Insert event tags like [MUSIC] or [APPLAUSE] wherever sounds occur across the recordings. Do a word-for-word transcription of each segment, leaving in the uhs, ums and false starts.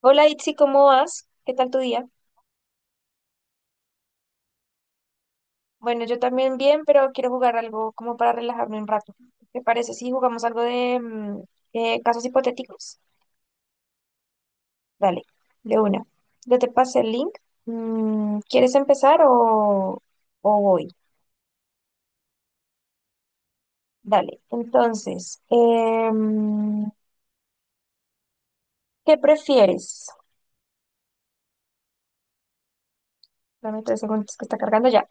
Hola Itzi, ¿cómo vas? ¿Qué tal tu día? Bueno, yo también bien, pero quiero jugar algo como para relajarme un rato. ¿Te parece si jugamos algo de mm, eh, casos hipotéticos? Dale, de una. Yo te pasé el link. Mm, ¿quieres empezar o, o voy? Dale. Entonces, em, ¿qué prefieres? Dame tres segundos que está cargando ya.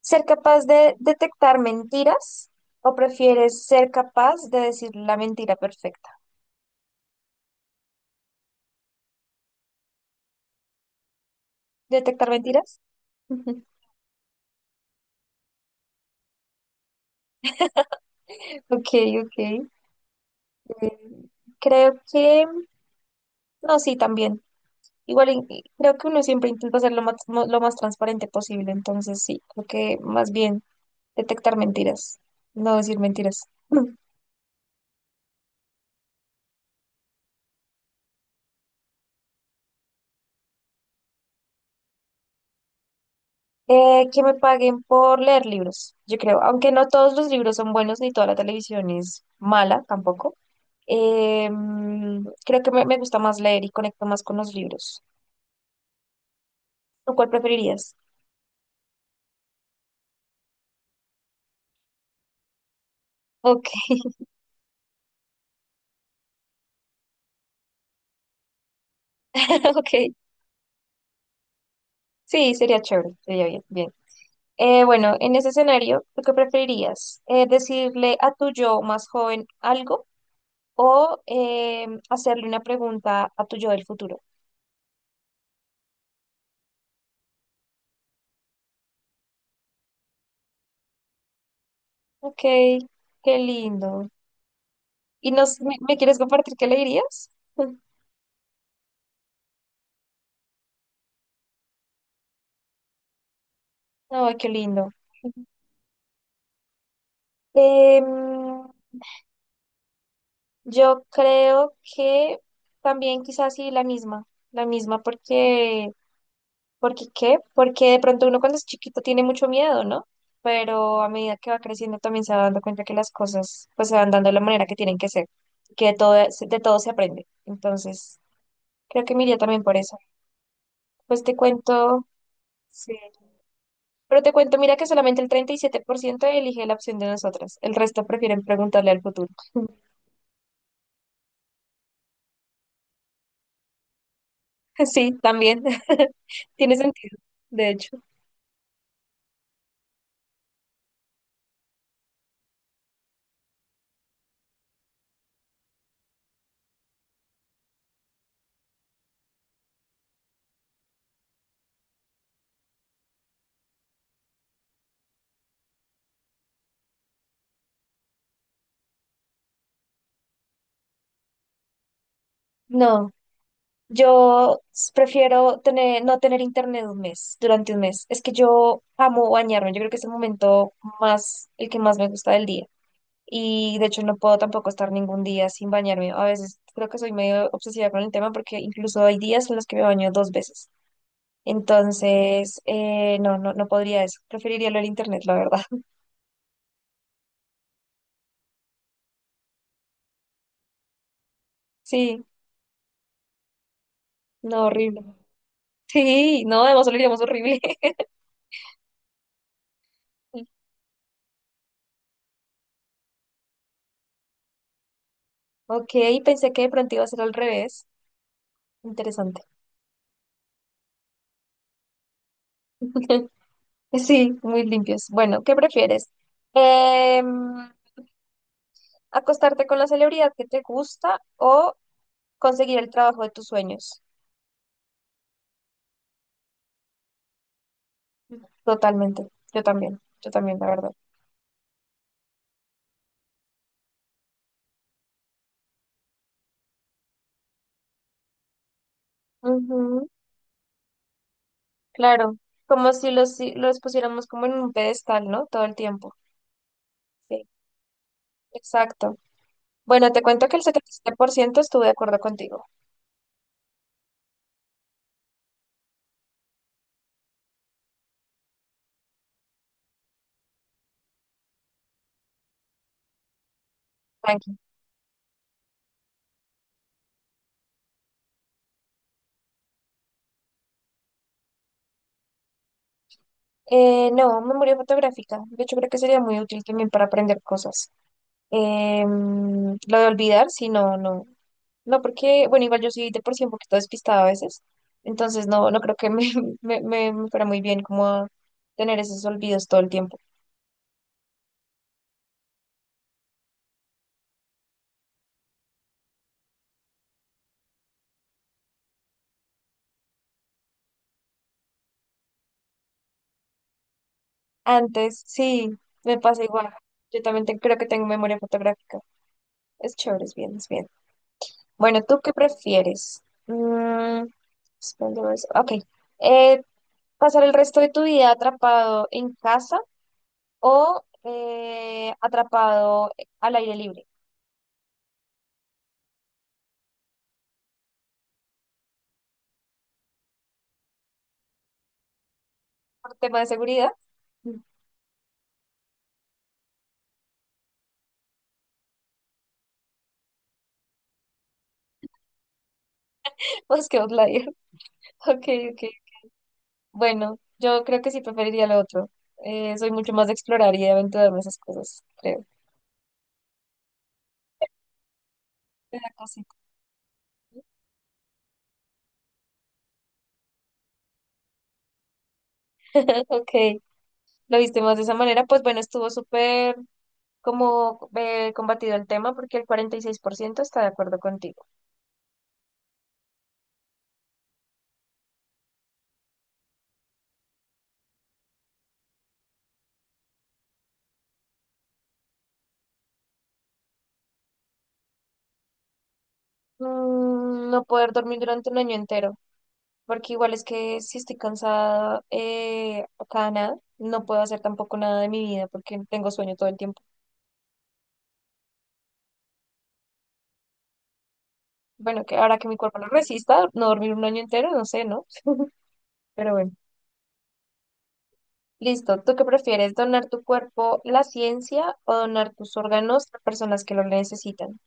¿Ser capaz de detectar mentiras o prefieres ser capaz de decir la mentira perfecta? ¿Detectar mentiras? [LAUGHS] Ok, ok. Eh, creo que, no, sí, también. Igual, in- y creo que uno siempre intenta ser lo más, mo- lo más transparente posible, entonces sí, creo que más bien detectar mentiras, no decir mentiras. [CLEARS THROAT] [LAUGHS] Eh, que me paguen por leer libros, yo creo, aunque no todos los libros son buenos ni toda la televisión es mala tampoco. Eh, mm, creo que me, me gusta más leer y conecto más con los libros. ¿Tú cuál preferirías? Ok, [LAUGHS] ok. Sí, sería chévere, sería bien, bien. Eh, bueno, en ese escenario, ¿tú qué preferirías? Eh, ¿decirle a tu yo más joven algo o eh, hacerle una pregunta a tu yo del futuro? Ok, qué lindo. ¿Y nos, me, me quieres compartir qué le dirías? [LAUGHS] Ay, qué lindo. Em, yo creo que también quizás sí la misma, la misma porque... ¿Porque qué? Porque de pronto uno cuando es chiquito tiene mucho miedo, ¿no? Pero a medida que va creciendo también se va dando cuenta que las cosas pues se van dando de la manera que tienen que ser, que de todo, de todo se aprende. Entonces, creo que me iría también por eso. Pues te cuento, sí. Pero te cuento, mira que solamente el treinta y siete por ciento elige la opción de nosotras. El resto prefieren preguntarle al futuro. [LAUGHS] Sí, también. [LAUGHS] Tiene sentido, de hecho. No. Yo s- prefiero tener, no tener internet un mes, durante un mes. Es que yo amo bañarme. Yo creo que es el momento más, el que más me gusta del día. Y de hecho no puedo tampoco estar ningún día sin bañarme. A veces creo que soy medio obsesiva con el tema porque incluso hay días en los que me baño dos veces. Entonces, eh, no, no, no podría eso. Preferiría lo del internet, la verdad. [LAUGHS] Sí, no, horrible. Sí, no, además lo diríamos horrible. [LAUGHS] Ok, pensé que de pronto iba a ser al revés. Interesante. [LAUGHS] Sí, muy limpios. Bueno, ¿qué prefieres? Em, ¿acostarte con la celebridad que te gusta o conseguir el trabajo de tus sueños? Totalmente. Yo también. Yo también, la verdad. Ujú, claro. Como si los, si los pusiéramos como en un pedestal, ¿no? Todo el tiempo. Sí, exacto. Bueno, te cuento que el setenta y siete por ciento estuve de acuerdo contigo. Tranqui. Eh, no, memoria fotográfica. De hecho, creo que sería muy útil también para aprender cosas. Em, lo de olvidar, si no, no. No, porque, bueno, igual yo soy de por sí un poquito despistada a veces, entonces no, no creo que me, [LAUGHS] me, me- me fuera muy bien como tener esos olvidos todo el tiempo. Antes, sí, me pasa igual. Yo también te- creo que tengo memoria fotográfica. Es chévere, es bien, es bien. Bueno, ¿tú qué prefieres? Mm, suspender eso. Ok. Eh, ¿pasar el resto de tu vida atrapado en casa o eh, atrapado al aire libre? Por tema de seguridad, [LAUGHS] pues que outlier. [LAUGHS] Ok, ok. Bueno, yo creo que sí preferiría lo otro. Eh, soy mucho más de explorar y de aventurarme en esas cosas, creo. Te da cosita. [LAUGHS] Ok, lo viste más de esa manera. Pues bueno, estuvo súper como eh, combatido el tema porque el cuarenta y seis por ciento está de acuerdo contigo. Mm, no poder dormir durante un año entero, porque igual es que si estoy cansada eh, o cada nada, no puedo hacer tampoco nada de mi vida porque tengo sueño todo el tiempo. Bueno, que ahora que mi cuerpo lo resista, no dormir un año entero, no sé, ¿no? Pero bueno. Listo. ¿Tú qué prefieres? ¿Donar tu cuerpo a la ciencia o donar tus órganos a personas que lo necesitan?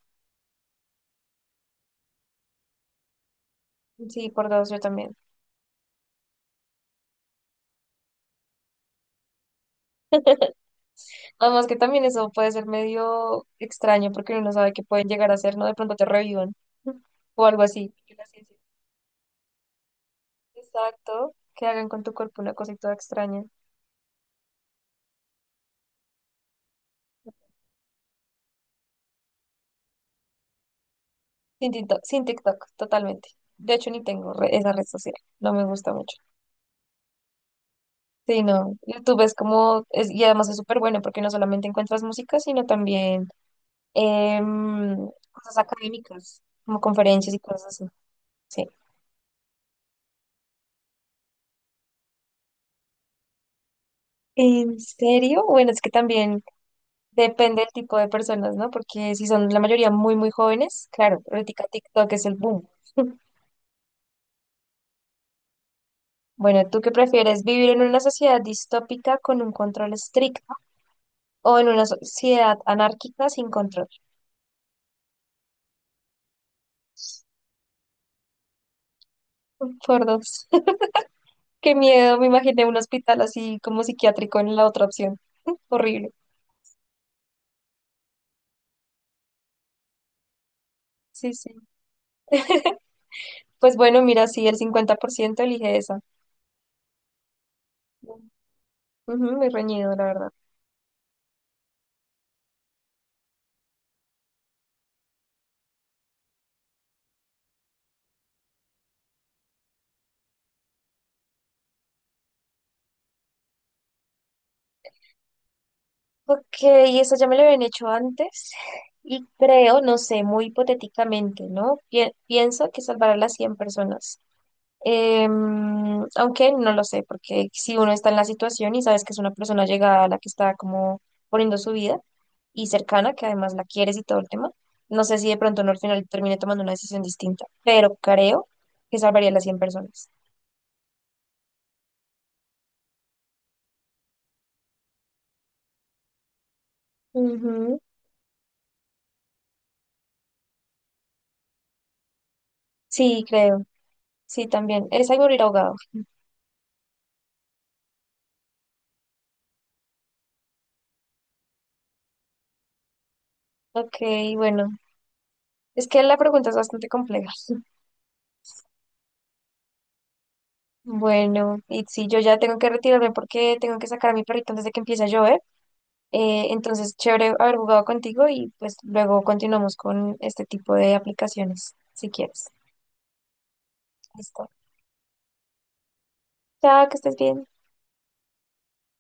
Sí, por dos, yo también. Además que también eso puede ser medio extraño porque uno no sabe qué pueden llegar a hacer, ¿no? De pronto te revivan [LAUGHS] o algo así. Porque la ciencia... Exacto. Que hagan con tu cuerpo una cosita toda extraña. Sin TikTok, sin TikTok, totalmente. De hecho, ni tengo re- esa red social. No me gusta mucho. Sí, no. YouTube es como, es- y además es súper bueno porque no solamente encuentras música, sino también em, cosas académicas, como conferencias y cosas así. Sí. ¿En serio? Bueno, es que también depende del tipo de personas, ¿no? Porque si son la mayoría muy, muy jóvenes, claro, ahorita TikTok es el boom. [LAUGHS] Bueno, ¿tú qué prefieres? ¿Vivir en una sociedad distópica con un control estricto o en una sociedad anárquica sin control? [LAUGHS] Por dos. [LAUGHS] Qué miedo, me imaginé un hospital así como psiquiátrico en la otra opción. [LAUGHS] Horrible. Sí, sí. Pues bueno, mira, sí, el cincuenta por ciento elige esa. Ujú, muy reñido, la verdad. Ok, eso ya me lo habían hecho antes [LAUGHS] y creo, no sé, muy hipotéticamente, ¿no? Pie- pienso que salvar a las cien personas. Em, aunque no lo sé, porque si uno está en la situación y sabes que es una persona llegada a la que está como poniendo su vida y cercana, que además la quieres y todo el tema, no sé si de pronto no al final termine tomando una decisión distinta, pero creo que salvaría a las cien personas. Ujú. Sí, creo. Sí, también. Esa y morir ahogado. Ok, bueno, es que la pregunta es bastante compleja. [LAUGHS] Bueno, y sí, yo ya tengo que retirarme porque tengo que sacar a mi perrito antes de que empiece a llover. Eh, entonces, chévere haber jugado contigo y pues luego continuamos con este tipo de aplicaciones, si quieres. Listo. Chao, que estés bien.